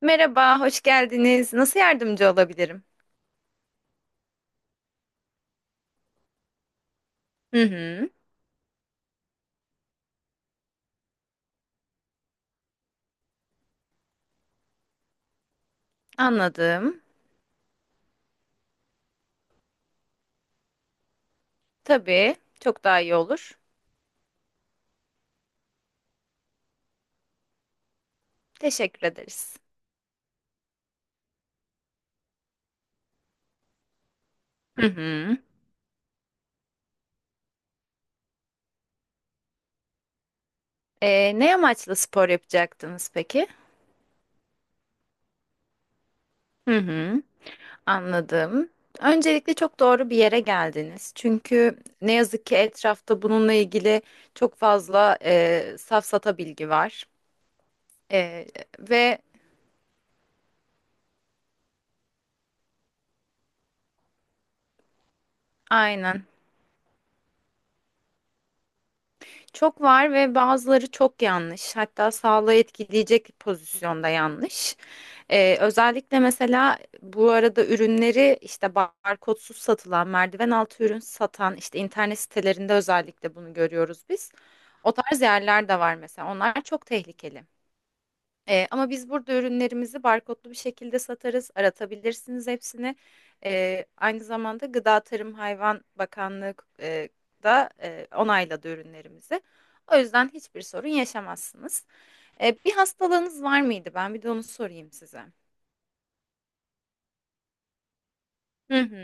Merhaba, hoş geldiniz. Nasıl yardımcı olabilirim? Hı hı, anladım. Tabii, çok daha iyi olur. Teşekkür ederiz. Hı hı. Ne amaçla spor yapacaktınız peki? Hı hı, anladım. Öncelikle çok doğru bir yere geldiniz. Çünkü ne yazık ki etrafta bununla ilgili çok fazla safsata bilgi var. E, Ve aynen. Çok var ve bazıları çok yanlış. Hatta sağlığı etkileyecek pozisyonda yanlış. Özellikle mesela bu arada ürünleri işte barkodsuz satılan, merdiven altı ürün satan işte internet sitelerinde özellikle bunu görüyoruz biz. O tarz yerler de var mesela. Onlar çok tehlikeli. Ama biz burada ürünlerimizi barkodlu bir şekilde satarız. Aratabilirsiniz hepsini. Aynı zamanda Gıda Tarım Hayvan Bakanlığı e, da onayladı ürünlerimizi. O yüzden hiçbir sorun yaşamazsınız. Bir hastalığınız var mıydı? Ben bir de onu sorayım size. Hı hı,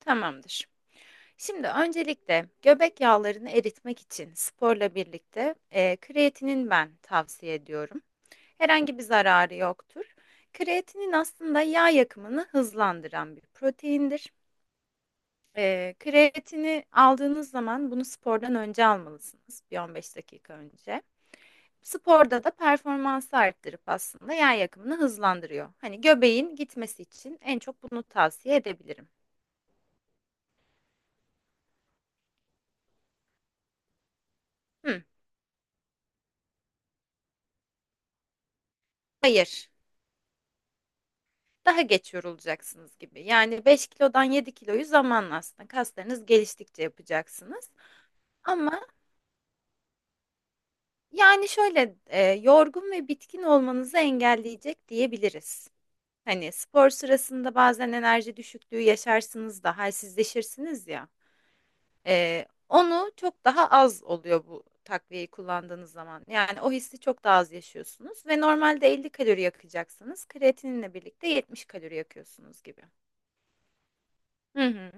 tamamdır. Şimdi öncelikle göbek yağlarını eritmek için sporla birlikte kreatinin ben tavsiye ediyorum. Herhangi bir zararı yoktur. Kreatinin aslında yağ yakımını hızlandıran bir proteindir. Kreatini aldığınız zaman bunu spordan önce almalısınız, bir 15 dakika önce. Sporda da performansı arttırıp aslında yağ yakımını hızlandırıyor. Hani göbeğin gitmesi için en çok bunu tavsiye edebilirim. Hı. Hayır. Daha geç yorulacaksınız gibi. Yani 5 kilodan 7 kiloyu zamanla aslında kaslarınız geliştikçe yapacaksınız. Ama yani şöyle yorgun ve bitkin olmanızı engelleyecek diyebiliriz. Hani spor sırasında bazen enerji düşüklüğü yaşarsınız da halsizleşirsiniz ya. Onu çok daha az oluyor bu takviyeyi kullandığınız zaman. Yani o hissi çok daha az yaşıyorsunuz ve normalde 50 kalori yakacaksanız kreatininle birlikte 70 kalori yakıyorsunuz gibi. Hı hı.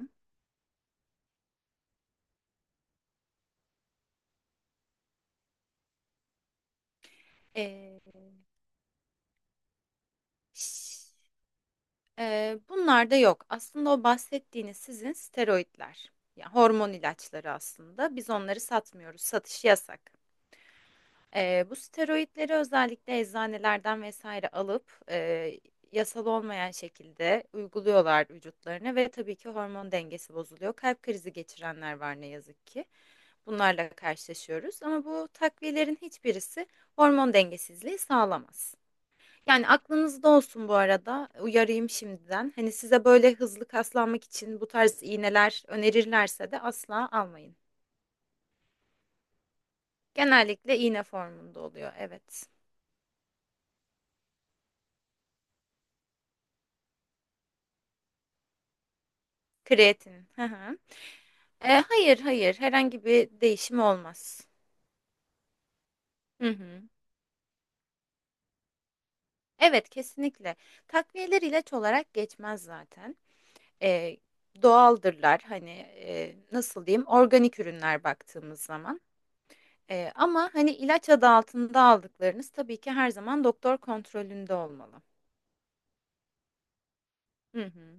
E, Ş- Bunlar da yok. Aslında o bahsettiğiniz sizin steroidler, yani hormon ilaçları aslında. Biz onları satmıyoruz. Satışı yasak. Bu steroidleri özellikle eczanelerden vesaire alıp yasal olmayan şekilde uyguluyorlar vücutlarına ve tabii ki hormon dengesi bozuluyor. Kalp krizi geçirenler var ne yazık ki. Bunlarla karşılaşıyoruz ama bu takviyelerin hiçbirisi hormon dengesizliği sağlamaz. Yani aklınızda olsun bu arada. Uyarayım şimdiden. Hani size böyle hızlı kaslanmak için bu tarz iğneler önerirlerse de asla almayın. Genellikle iğne formunda oluyor. Evet. Kreatin. Hı hı. Hayır, hayır. Herhangi bir değişim olmaz. Hı hı. Evet, kesinlikle. Takviyeler ilaç olarak geçmez zaten. E, Doğaldırlar. Hani nasıl diyeyim? Organik ürünler baktığımız zaman. Ama hani ilaç adı altında aldıklarınız tabii ki her zaman doktor kontrolünde olmalı. Hı hı.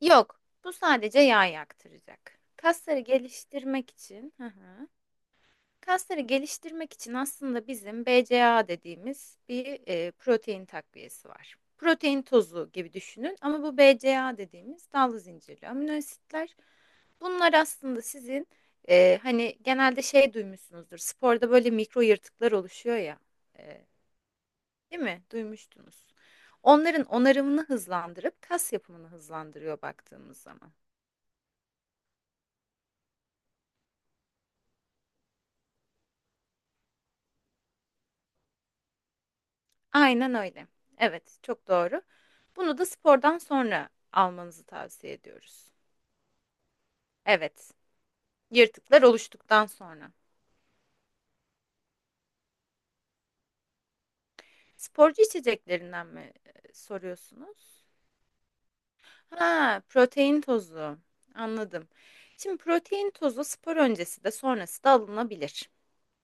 Yok, bu sadece yağ yaktıracak. Kasları geliştirmek için, hı hı. Kasları geliştirmek için aslında bizim BCAA dediğimiz bir protein takviyesi var. Protein tozu gibi düşünün ama bu BCAA dediğimiz dallı zincirli amino asitler. Bunlar aslında sizin hani genelde şey duymuşsunuzdur. Sporda böyle mikro yırtıklar oluşuyor ya. Değil mi? Duymuştunuz. Onların onarımını hızlandırıp kas yapımını hızlandırıyor baktığımız zaman. Aynen öyle. Evet, çok doğru. Bunu da spordan sonra almanızı tavsiye ediyoruz. Evet, yırtıklar oluştuktan sonra. Sporcu içeceklerinden mi soruyorsunuz? Ha, protein tozu. Anladım. Şimdi protein tozu spor öncesi de sonrası da alınabilir.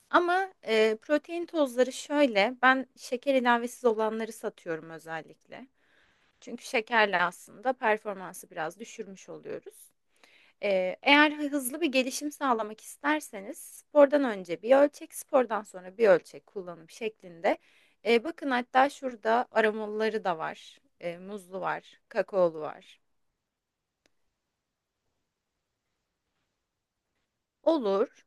Ama, protein tozları şöyle, ben şeker ilavesiz olanları satıyorum özellikle. Çünkü şekerle aslında performansı biraz düşürmüş oluyoruz. Eğer hızlı bir gelişim sağlamak isterseniz spordan önce bir ölçek, spordan sonra bir ölçek kullanım şeklinde. Bakın hatta şurada aromalıları da var. Muzlu var, kakaolu var. Olur.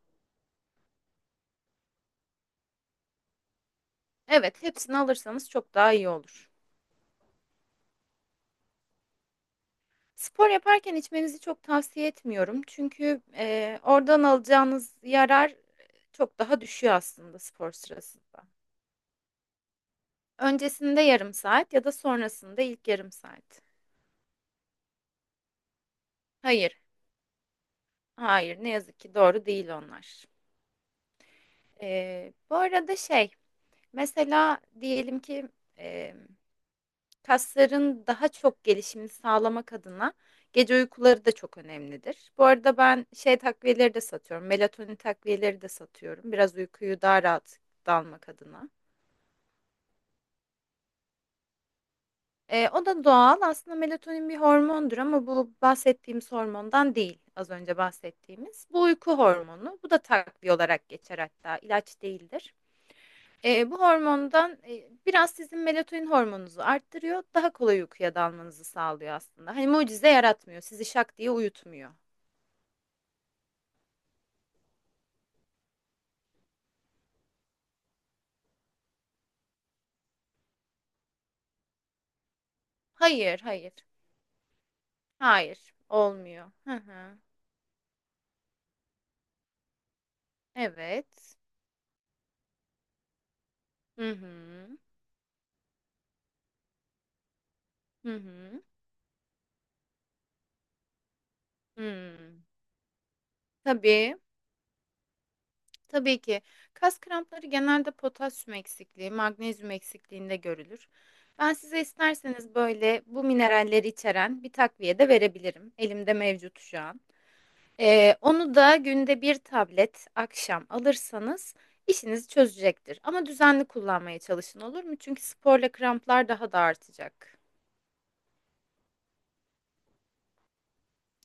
Evet, hepsini alırsanız çok daha iyi olur. Spor yaparken içmenizi çok tavsiye etmiyorum. Çünkü, oradan alacağınız yarar çok daha düşüyor aslında spor sırasında. Öncesinde yarım saat ya da sonrasında ilk yarım saat. Hayır, hayır ne yazık ki doğru değil onlar. Bu arada şey, mesela diyelim ki, kasların daha çok gelişimini sağlamak adına gece uykuları da çok önemlidir. Bu arada ben şey takviyeleri de satıyorum. Melatonin takviyeleri de satıyorum. Biraz uykuyu daha rahat dalmak adına. O da doğal. Aslında melatonin bir hormondur ama bu bahsettiğimiz hormondan değil. Az önce bahsettiğimiz. Bu uyku hormonu. Bu da takviye olarak geçer hatta. İlaç değildir. Bu hormondan biraz sizin melatonin hormonunuzu arttırıyor. Daha kolay uykuya dalmanızı sağlıyor aslında. Hani mucize yaratmıyor. Sizi şak diye uyutmuyor. Hayır, hayır. Hayır, olmuyor. Hı hı. Evet. Hı hı. Hı hı. Hmm. Tabii. Tabii ki. Kas krampları genelde potasyum eksikliği, magnezyum eksikliğinde görülür. Ben size isterseniz böyle bu mineralleri içeren bir takviye de verebilirim. Elimde mevcut şu an. Onu da günde bir tablet akşam alırsanız işinizi çözecektir. Ama düzenli kullanmaya çalışın olur mu? Çünkü sporla kramplar daha da artacak.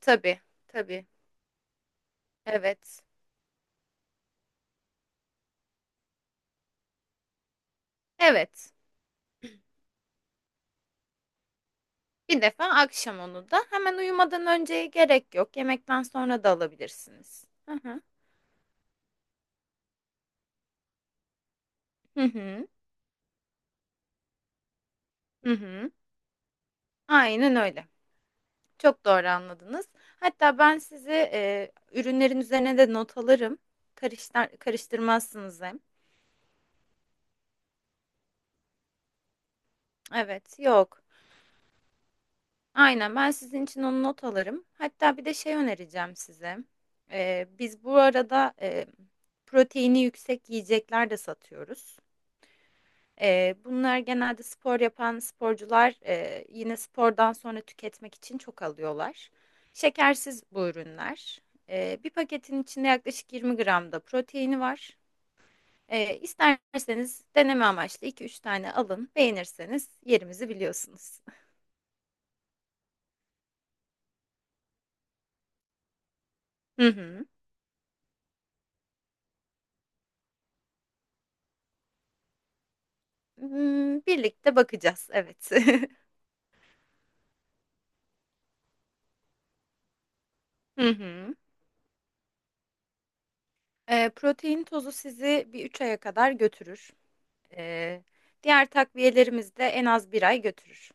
Tabii, tabii. Evet. Evet. Bir defa akşam onu da hemen uyumadan önceye gerek yok. Yemekten sonra da alabilirsiniz. Hı hı. Hı hı. Hı hı. Aynen öyle. Çok doğru anladınız. Hatta ben size ürünlerin üzerine de not alırım. Karıştırmazsınız hem. Evet, yok. Aynen ben sizin için onu not alırım. Hatta bir de şey önereceğim size. Biz bu arada proteini yüksek yiyecekler de satıyoruz. Bunlar genelde spor yapan sporcular yine spordan sonra tüketmek için çok alıyorlar. Şekersiz bu ürünler. Bir paketin içinde yaklaşık 20 gram da proteini var. İsterseniz deneme amaçlı iki üç tane alın. Beğenirseniz yerimizi biliyorsunuz. Hı hı. Birlikte bakacağız, evet. Hı hı. Protein tozu sizi bir 3 aya kadar götürür. Eee, Diğer takviyelerimiz de en az bir ay götürür.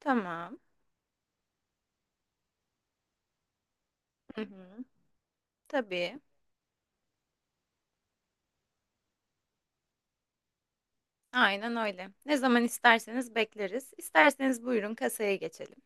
Tamam. Hı hı. Tabii. Aynen öyle. Ne zaman isterseniz bekleriz. İsterseniz buyurun kasaya geçelim.